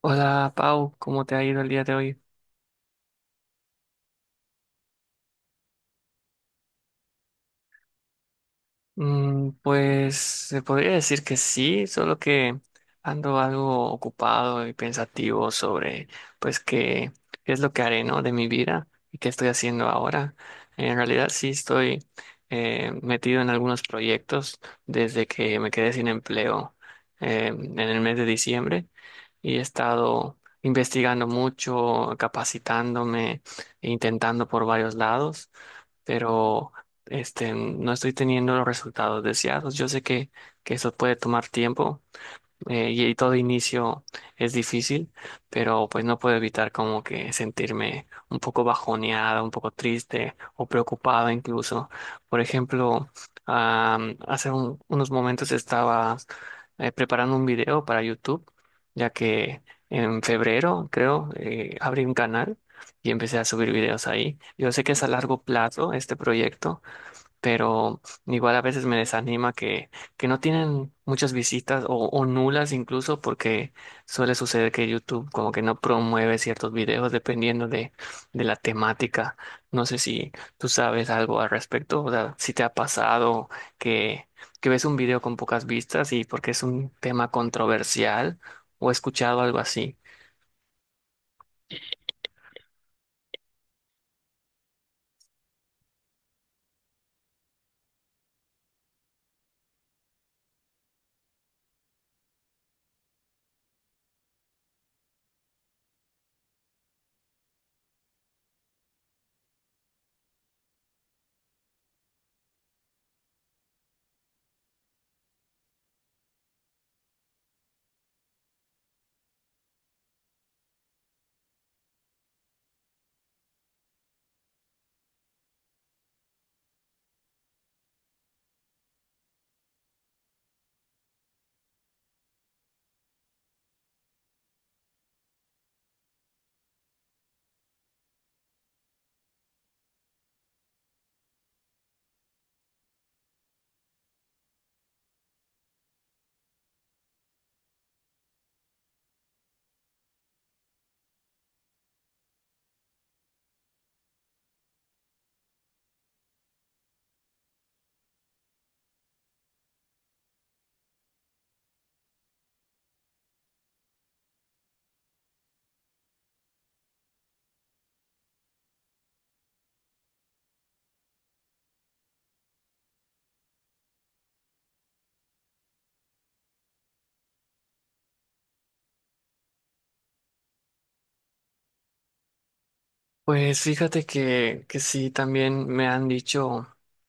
Hola Pau, ¿cómo te ha ido el día de hoy? Mm, pues se podría decir que sí, solo que ando algo ocupado y pensativo sobre pues qué es lo que haré, ¿no? De mi vida y qué estoy haciendo ahora. En realidad sí estoy metido en algunos proyectos desde que me quedé sin empleo en el mes de diciembre y he estado investigando mucho, capacitándome, e intentando por varios lados pero no estoy teniendo los resultados deseados. Yo sé que eso puede tomar tiempo y todo inicio es difícil, pero pues no puedo evitar como que sentirme un poco bajoneada, un poco triste o preocupada incluso. Por ejemplo, unos momentos estaba preparando un video para YouTube, ya que en febrero, creo, abrí un canal y empecé a subir videos ahí. Yo sé que es a largo plazo este proyecto pero igual a veces me desanima que no tienen muchas visitas o nulas incluso porque suele suceder que YouTube como que no promueve ciertos videos dependiendo de la temática. No sé si tú sabes algo al respecto, o sea, si te ha pasado que, que ves un video con pocas vistas y porque es un tema controversial o he escuchado algo así. Pues fíjate que sí, también me han dicho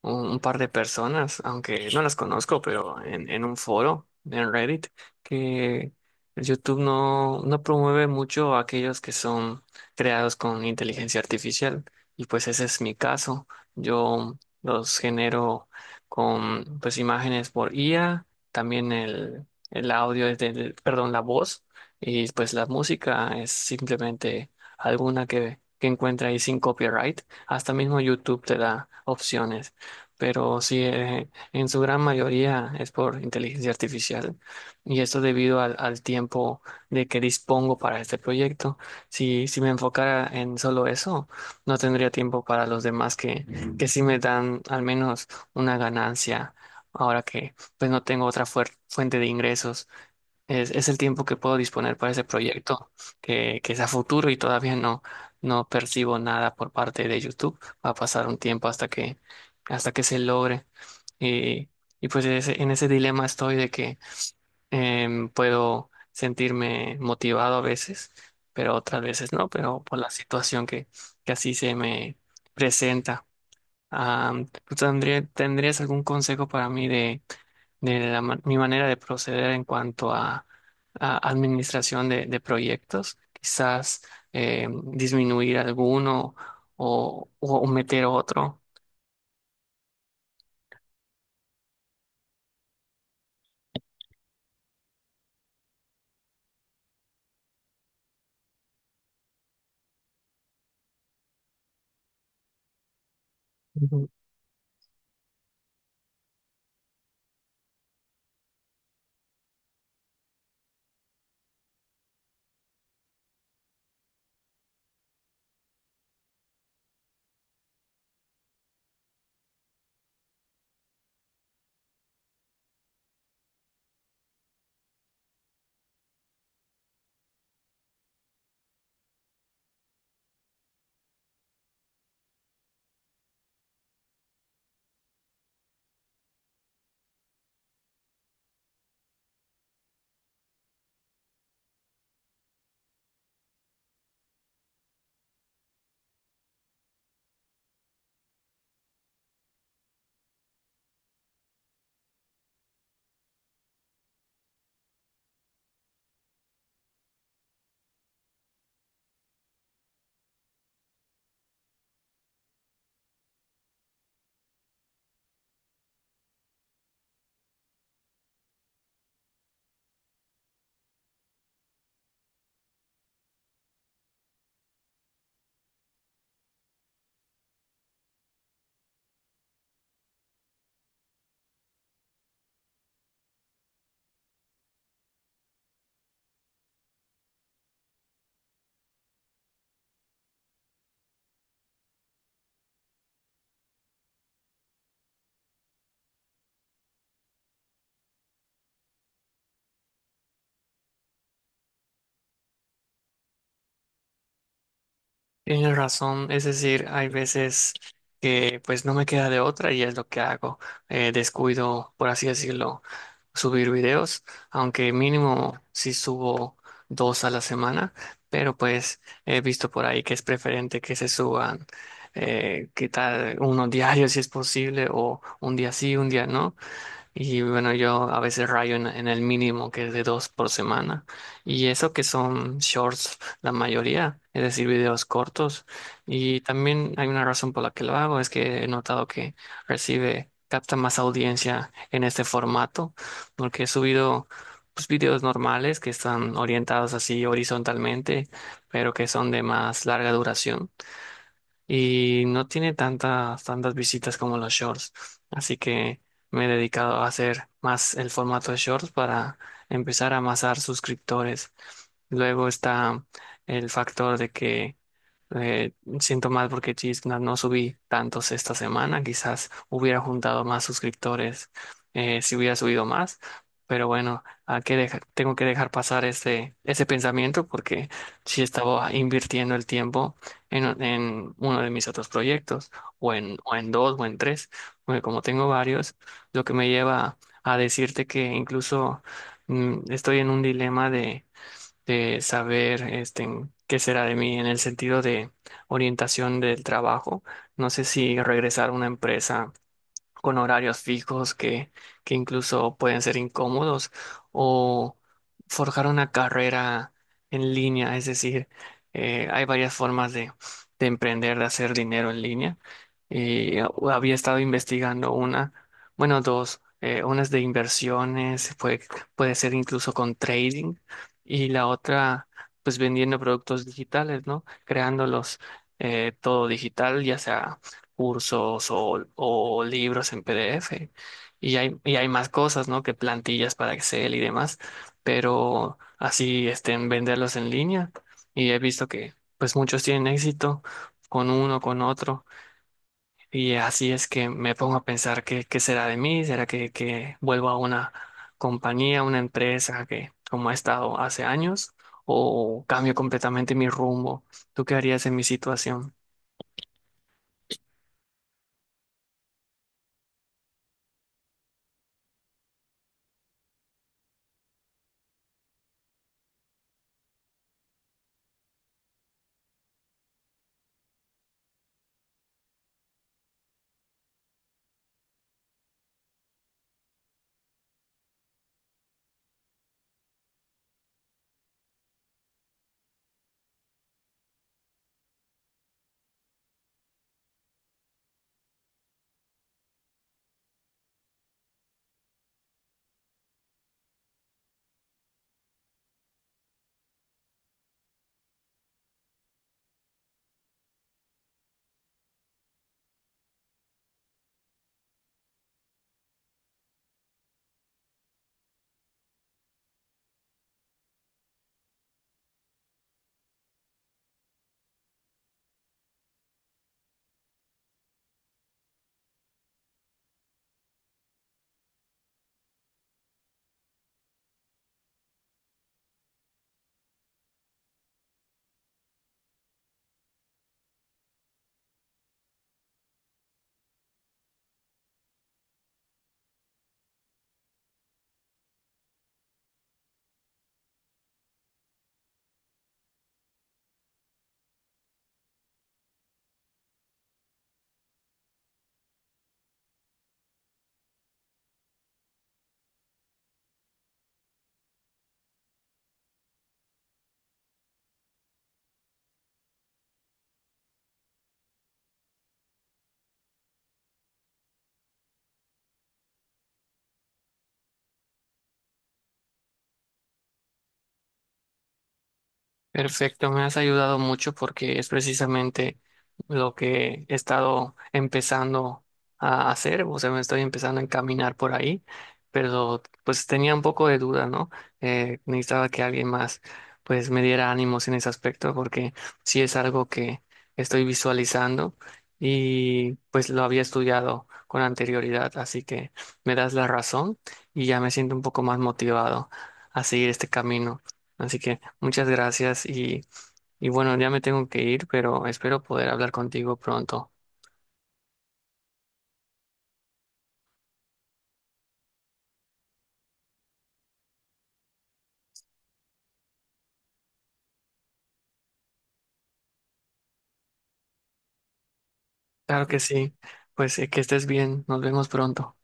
un par de personas, aunque no las conozco, pero en un foro, en Reddit, que el YouTube no promueve mucho a aquellos que son creados con inteligencia artificial. Y pues ese es mi caso. Yo los genero con pues imágenes por IA, también el audio es del, perdón, la voz, y pues la música es simplemente alguna que encuentre ahí sin copyright. Hasta mismo YouTube te da opciones, pero sí, en su gran mayoría es por inteligencia artificial. Y esto debido al tiempo de que dispongo para este proyecto. Si me enfocara en solo eso, no tendría tiempo para los demás que sí me dan al menos una ganancia. Ahora que pues no tengo otra fuente de ingresos. Es el tiempo que puedo disponer para ese proyecto, que es a futuro y todavía no percibo nada por parte de YouTube. Va a pasar un tiempo hasta hasta que se logre. Y, y pues en ese dilema estoy de que puedo sentirme motivado a veces, pero otras veces no, pero por la situación que así se me presenta. Ah, ¿ tendrías algún consejo para mí de la mi manera de proceder en cuanto a administración de proyectos, quizás eh, disminuir alguno o meter otro. Tienes razón, es decir, hay veces que pues no me queda de otra y es lo que hago. Descuido, por así decirlo, subir videos, aunque mínimo si subo dos a la semana, pero pues he visto por ahí que es preferente que se suban, qué tal, uno diario si es posible o un día sí, un día no, y bueno, yo a veces rayo en el mínimo que es de dos por semana. Y eso que son shorts, la mayoría, es decir, videos cortos. Y también hay una razón por la que lo hago, es que he notado que recibe, capta más audiencia en este formato, porque he subido pues, videos normales que están orientados así horizontalmente, pero que son de más larga duración y no tiene tantas, tantas visitas como los shorts. Así que me he dedicado a hacer más el formato de shorts para empezar a amasar suscriptores. Luego está el factor de que eh, siento mal porque Chisna no subí tantos esta semana. Quizás hubiera juntado más suscriptores si hubiera subido más. Pero bueno, tengo que dejar pasar ese pensamiento porque sí estaba invirtiendo el tiempo en uno de mis otros proyectos, o o en dos, o en tres, porque como tengo varios, lo que me lleva a decirte que incluso mm, estoy en un dilema de saber este, en qué será de mí en el sentido de orientación del trabajo. No sé si regresar a una empresa con horarios fijos que incluso pueden ser incómodos, o forjar una carrera en línea, es decir, hay varias formas de emprender, de hacer dinero en línea. Y había estado investigando una, bueno, dos, una es de inversiones, puede ser incluso con trading, y la otra, pues vendiendo productos digitales, ¿no? Creándolos todo digital, ya sea cursos o libros en PDF. Y hay más cosas, ¿no? Que plantillas para Excel y demás. Pero así, este, en venderlos en línea. Y he visto que, pues, muchos tienen éxito con uno, con otro. Y así es que me pongo a pensar qué será de mí. ¿Será que vuelvo a una compañía, una empresa que, como ha estado hace años? ¿O cambio completamente mi rumbo? ¿Tú qué harías en mi situación? Perfecto, me has ayudado mucho porque es precisamente lo que he estado empezando a hacer, o sea, me estoy empezando a encaminar por ahí, pero pues tenía un poco de duda, ¿no? Necesitaba que alguien más pues me diera ánimos en ese aspecto porque sí es algo que estoy visualizando y pues lo había estudiado con anterioridad, así que me das la razón y ya me siento un poco más motivado a seguir este camino. Así que muchas gracias y bueno, ya me tengo que ir, pero espero poder hablar contigo pronto. Claro que sí. Pues que estés bien. Nos vemos pronto.